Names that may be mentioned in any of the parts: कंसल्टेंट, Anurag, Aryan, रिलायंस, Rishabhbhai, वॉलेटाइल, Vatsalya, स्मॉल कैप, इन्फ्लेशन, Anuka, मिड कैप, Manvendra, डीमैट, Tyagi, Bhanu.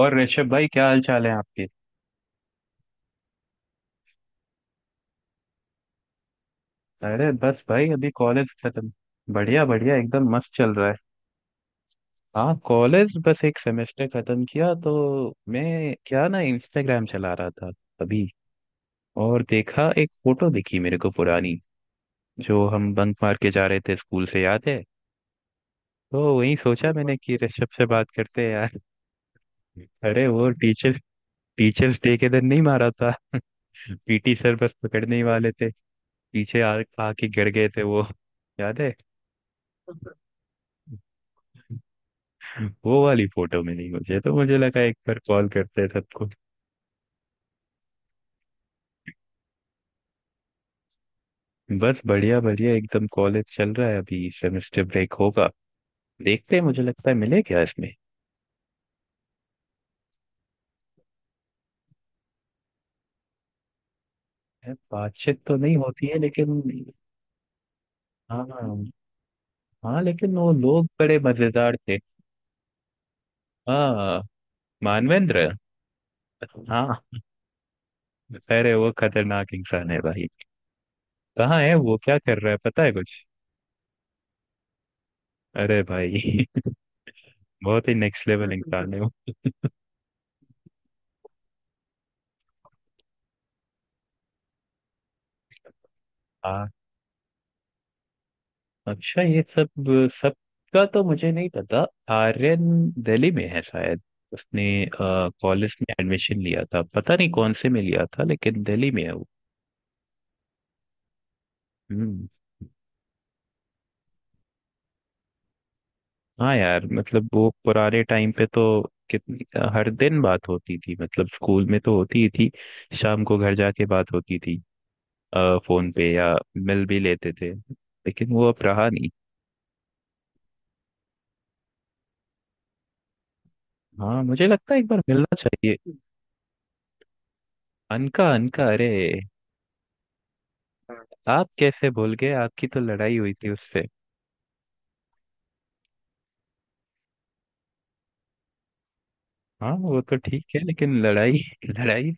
और ऋषभ भाई क्या हाल चाल है आपके। अरे बस भाई अभी कॉलेज खत्म। बढ़िया बढ़िया एकदम मस्त चल रहा है। हाँ कॉलेज बस एक सेमेस्टर खत्म किया तो मैं क्या ना इंस्टाग्राम चला रहा था अभी। और देखा एक फोटो दिखी मेरे को पुरानी, जो हम बंक मार के जा रहे थे स्कूल से, याद है? तो वही सोचा मैंने कि ऋषभ से बात करते हैं यार। अरे वो टीचर्स टीचर्स डे के दिन नहीं मारा था? पीटी सर बस पकड़ने ही वाले थे, पीछे आ आके गिर गए थे वो, याद है? वो वाली फोटो मिली मुझे तो मुझे लगा एक बार कॉल करते हैं सबको। बस बढ़िया बढ़िया एकदम, कॉलेज चल रहा है, अभी सेमेस्टर ब्रेक होगा। देखते हैं, मुझे लगता है मिले क्या इसमें। है, बातचीत तो नहीं होती है लेकिन। हाँ हाँ, लेकिन वो लोग बड़े मजेदार थे। हाँ, मानवेंद्र। हाँ, अरे वो खतरनाक इंसान है भाई। कहाँ है वो, क्या कर रहा है, पता है कुछ? अरे भाई बहुत ही नेक्स्ट लेवल इंसान है वो। हाँ, अच्छा ये सब, सबका तो मुझे नहीं पता। आर्यन दिल्ली में है शायद। उसने कॉलेज में एडमिशन लिया था, पता नहीं कौन से में लिया था, लेकिन दिल्ली में है वो। हम्म। हाँ यार, मतलब वो पुराने टाइम पे तो कितनी हर दिन बात होती थी, मतलब स्कूल में तो होती ही थी, शाम को घर जाके बात होती थी। फोन पे या मिल भी लेते थे, लेकिन वो अब रहा नहीं। हाँ मुझे लगता है एक बार मिलना चाहिए। अनका अनका, अरे आप कैसे भूल गए, आपकी तो लड़ाई हुई थी उससे। हाँ वो तो ठीक है, लेकिन लड़ाई लड़ाई,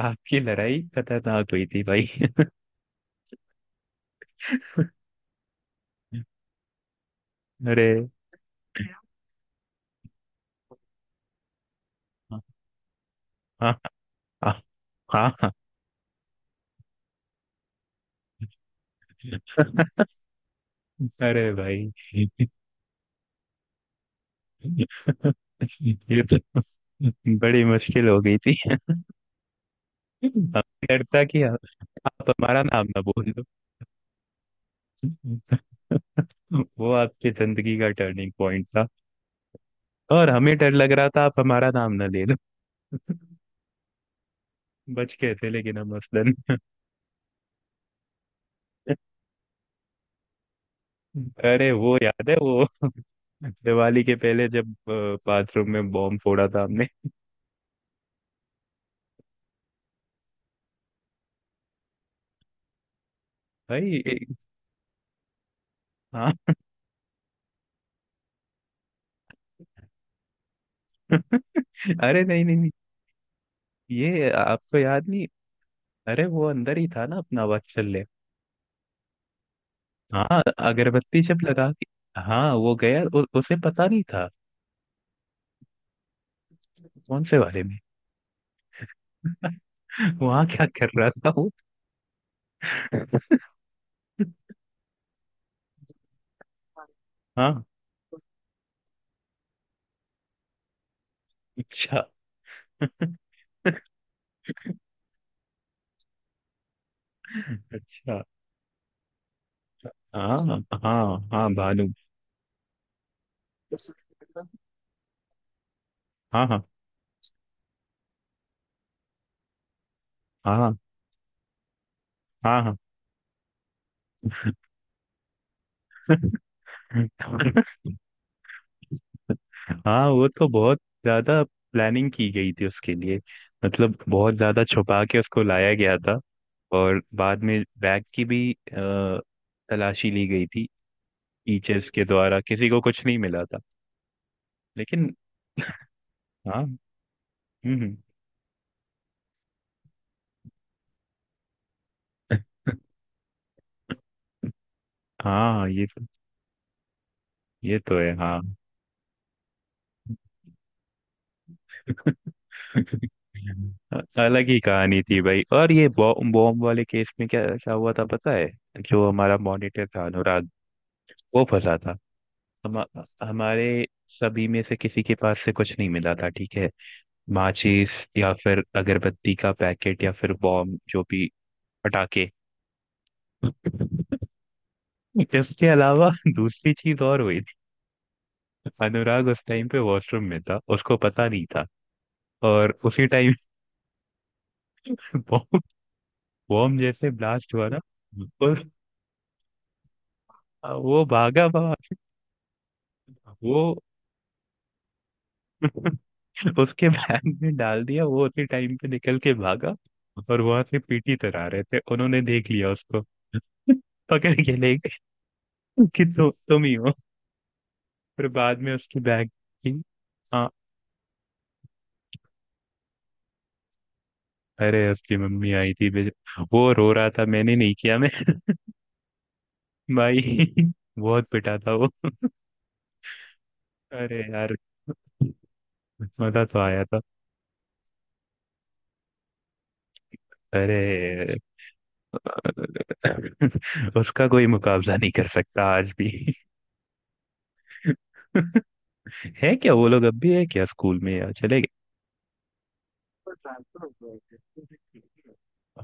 आपकी लड़ाई खतरनाक हुई थी भाई अरे हाँ। हाँ हाँ। हाँ, अरे भाई ये तो बड़ी मुश्किल हो गई थी हमें, डरता कि आप, आप हमारा नाम ना बोल दो। वो आपकी जिंदगी का टर्निंग पॉइंट था। और हमें डर लग रहा था आप हमारा नाम ना ले लो। बच गए थे लेकिन हम मसलन। अरे वो याद है, वो दिवाली के पहले जब बाथरूम में बॉम्ब फोड़ा था हमने। भाई ए- हाँ। अरे नहीं नहीं नहीं, ये आपको याद नहीं? अरे वो अंदर ही था ना अपना वात्सल्य। हाँ, अगरबत्ती जब लगा के, हाँ वो गया, उसे पता नहीं था। कौन से बारे में? वहाँ क्या कर रहा था वो। हाँ। अच्छा अच्छा। हाँ हाँ। हाँ हाँ, भानु। हाँ हाँ। हाँ हाँ। हाँ हाँ वो तो बहुत ज्यादा प्लानिंग की गई थी उसके लिए, मतलब बहुत ज्यादा छुपा के उसको लाया गया था। और बाद में बैग की भी तलाशी ली गई थी टीचर्स के द्वारा, किसी को कुछ नहीं मिला था लेकिन। हाँ। हम्म। हम्म। हाँ ये तो, ये तो है हाँ। अलग ही कहानी थी भाई। और ये बॉम्ब बॉम्ब वाले केस में क्या क्या हुआ था पता है? जो हमारा मॉनिटर था अनुराग, वो फंसा था। हम हमारे सभी में से किसी के पास से कुछ नहीं मिला था, ठीक है, माचिस या फिर अगरबत्ती का पैकेट या फिर बॉम्ब जो भी, पटाखे, इसके अलावा दूसरी चीज और हुई थी। अनुराग उस टाइम पे वॉशरूम में था, उसको पता नहीं था। और उसी टाइम बॉम्ब बॉम्ब जैसे ब्लास्ट हुआ ना, उस, वो भागा बाहर। वो उसके बैग में डाल दिया, वो उसी टाइम पे निकल के भागा। और वहां से पीटी तरह रहे थे, उन्होंने देख लिया उसको पकड़ के ले गए कि तुम ही हो। फिर बाद में उसकी बैग की, हाँ। अरे उसकी मम्मी आई थी बेचारी। वो रो रहा था मैंने नहीं किया मैं भाई बहुत पिटा था वो, अरे यार, मजा तो आया था। अरे उसका कोई मुकाबला नहीं कर सकता आज भी है क्या वो लोग अब भी है क्या स्कूल में या चले गए?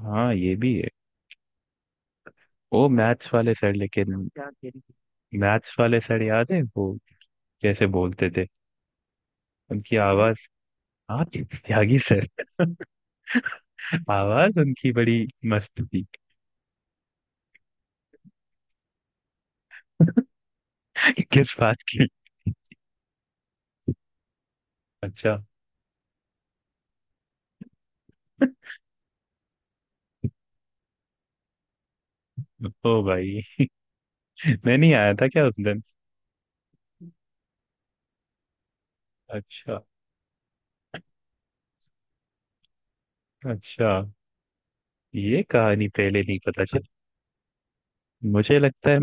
हाँ ये भी है। वो मैथ्स वाले सर लेकिन, मैथ्स वाले सर याद है वो कैसे बोलते थे? उनकी आवाज, हाँ त्यागी सर आवाज उनकी बड़ी मस्त थी। किस बात की? अच्छा। ओ भाई, मैं नहीं आया था क्या उस दिन? अच्छा। अच्छा, ये कहानी पहले नहीं पता चली। मुझे लगता है,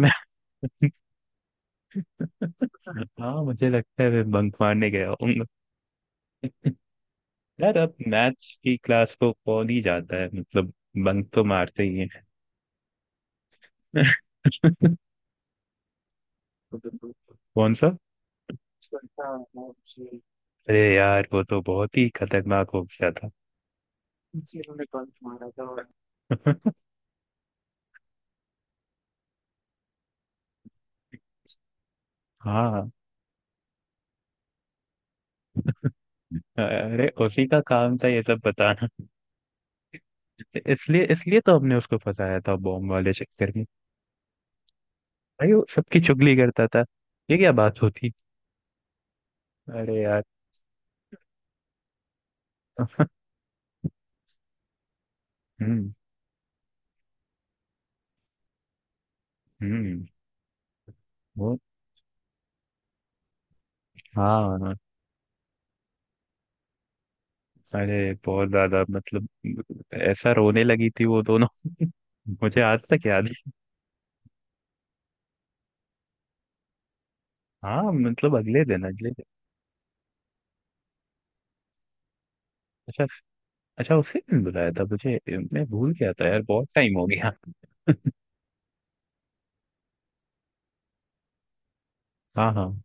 हाँ मुझे लगता है मैं बंक मारने गया हूँ। यार अब मैथ्स की क्लास को कौन ही जाता है, मतलब बंक तो मारते ही हैं। कौन सा? अरे यार वो तो बहुत ही खतरनाक हो गया था। हाँ, अरे उसी का काम था ये सब बताना, इसलिए इसलिए तो हमने उसको फंसाया था बॉम्ब वाले चक्कर में। भाई वो सबकी चुगली करता था। ये क्या बात होती? अरे यार हम्म। हम्म। वो हाँ हाँ। अरे बहुत ज्यादा मतलब, ऐसा रोने लगी थी वो दोनों मुझे आज तक याद है। हाँ मतलब अगले दिन। अच्छा। अच्छा उसी दिन बुलाया था मुझे, मैं भूल गया था यार, बहुत टाइम हो गया। हाँ हाँ।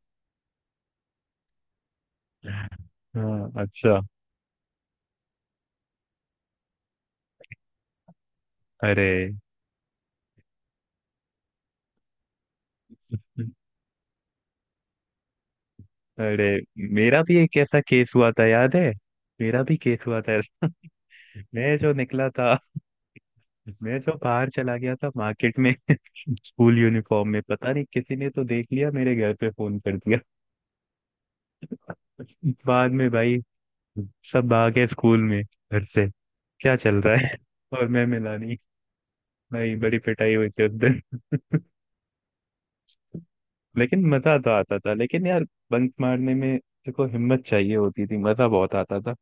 हाँ। अच्छा। अरे। अरे मेरा भी एक ऐसा केस हुआ था, याद है? मेरा भी केस हुआ था ऐसा। मैं जो निकला था, मैं जो बाहर चला गया था मार्केट में स्कूल यूनिफॉर्म में, पता नहीं किसी ने तो देख लिया, मेरे घर पे फोन कर दिया। बाद में भाई सब आ गए स्कूल में घर से, क्या चल रहा है और मैं मिला नहीं। भाई बड़ी पिटाई हुई थी उस दिन लेकिन मजा तो आता था लेकिन यार बंक मारने में। देखो हिम्मत चाहिए होती थी, मजा बहुत आता था।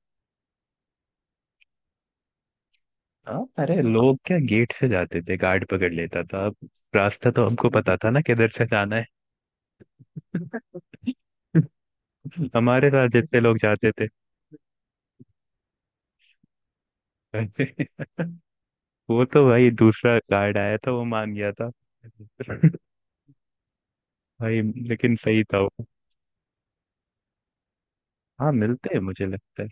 हाँ अरे लोग क्या गेट से जाते थे, गार्ड पकड़ लेता था, अब रास्ता तो हमको पता था ना किधर से जाना है। हमारे साथ जितने लोग जाते थे। वो तो भाई दूसरा गार्ड आया था वो मान गया था भाई लेकिन सही था। हाँ मिलते हैं, मुझे लगता है।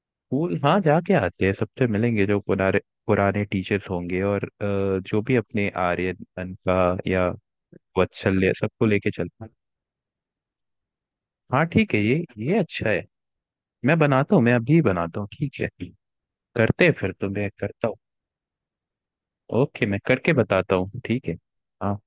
स्कूल, हाँ जाके आते हैं, सबसे मिलेंगे जो पुराने, पुराने टीचर्स होंगे। और जो भी, अपने आर्यन का या वात्सल्य, सबको लेके चलते हैं। हाँ ठीक है, ये अच्छा है। मैं बनाता हूँ, मैं अभी बनाता हूँ ठीक है? करते हैं फिर, तो मैं करता हूँ। ओके, मैं करके बताता हूँ ठीक है। हाँ।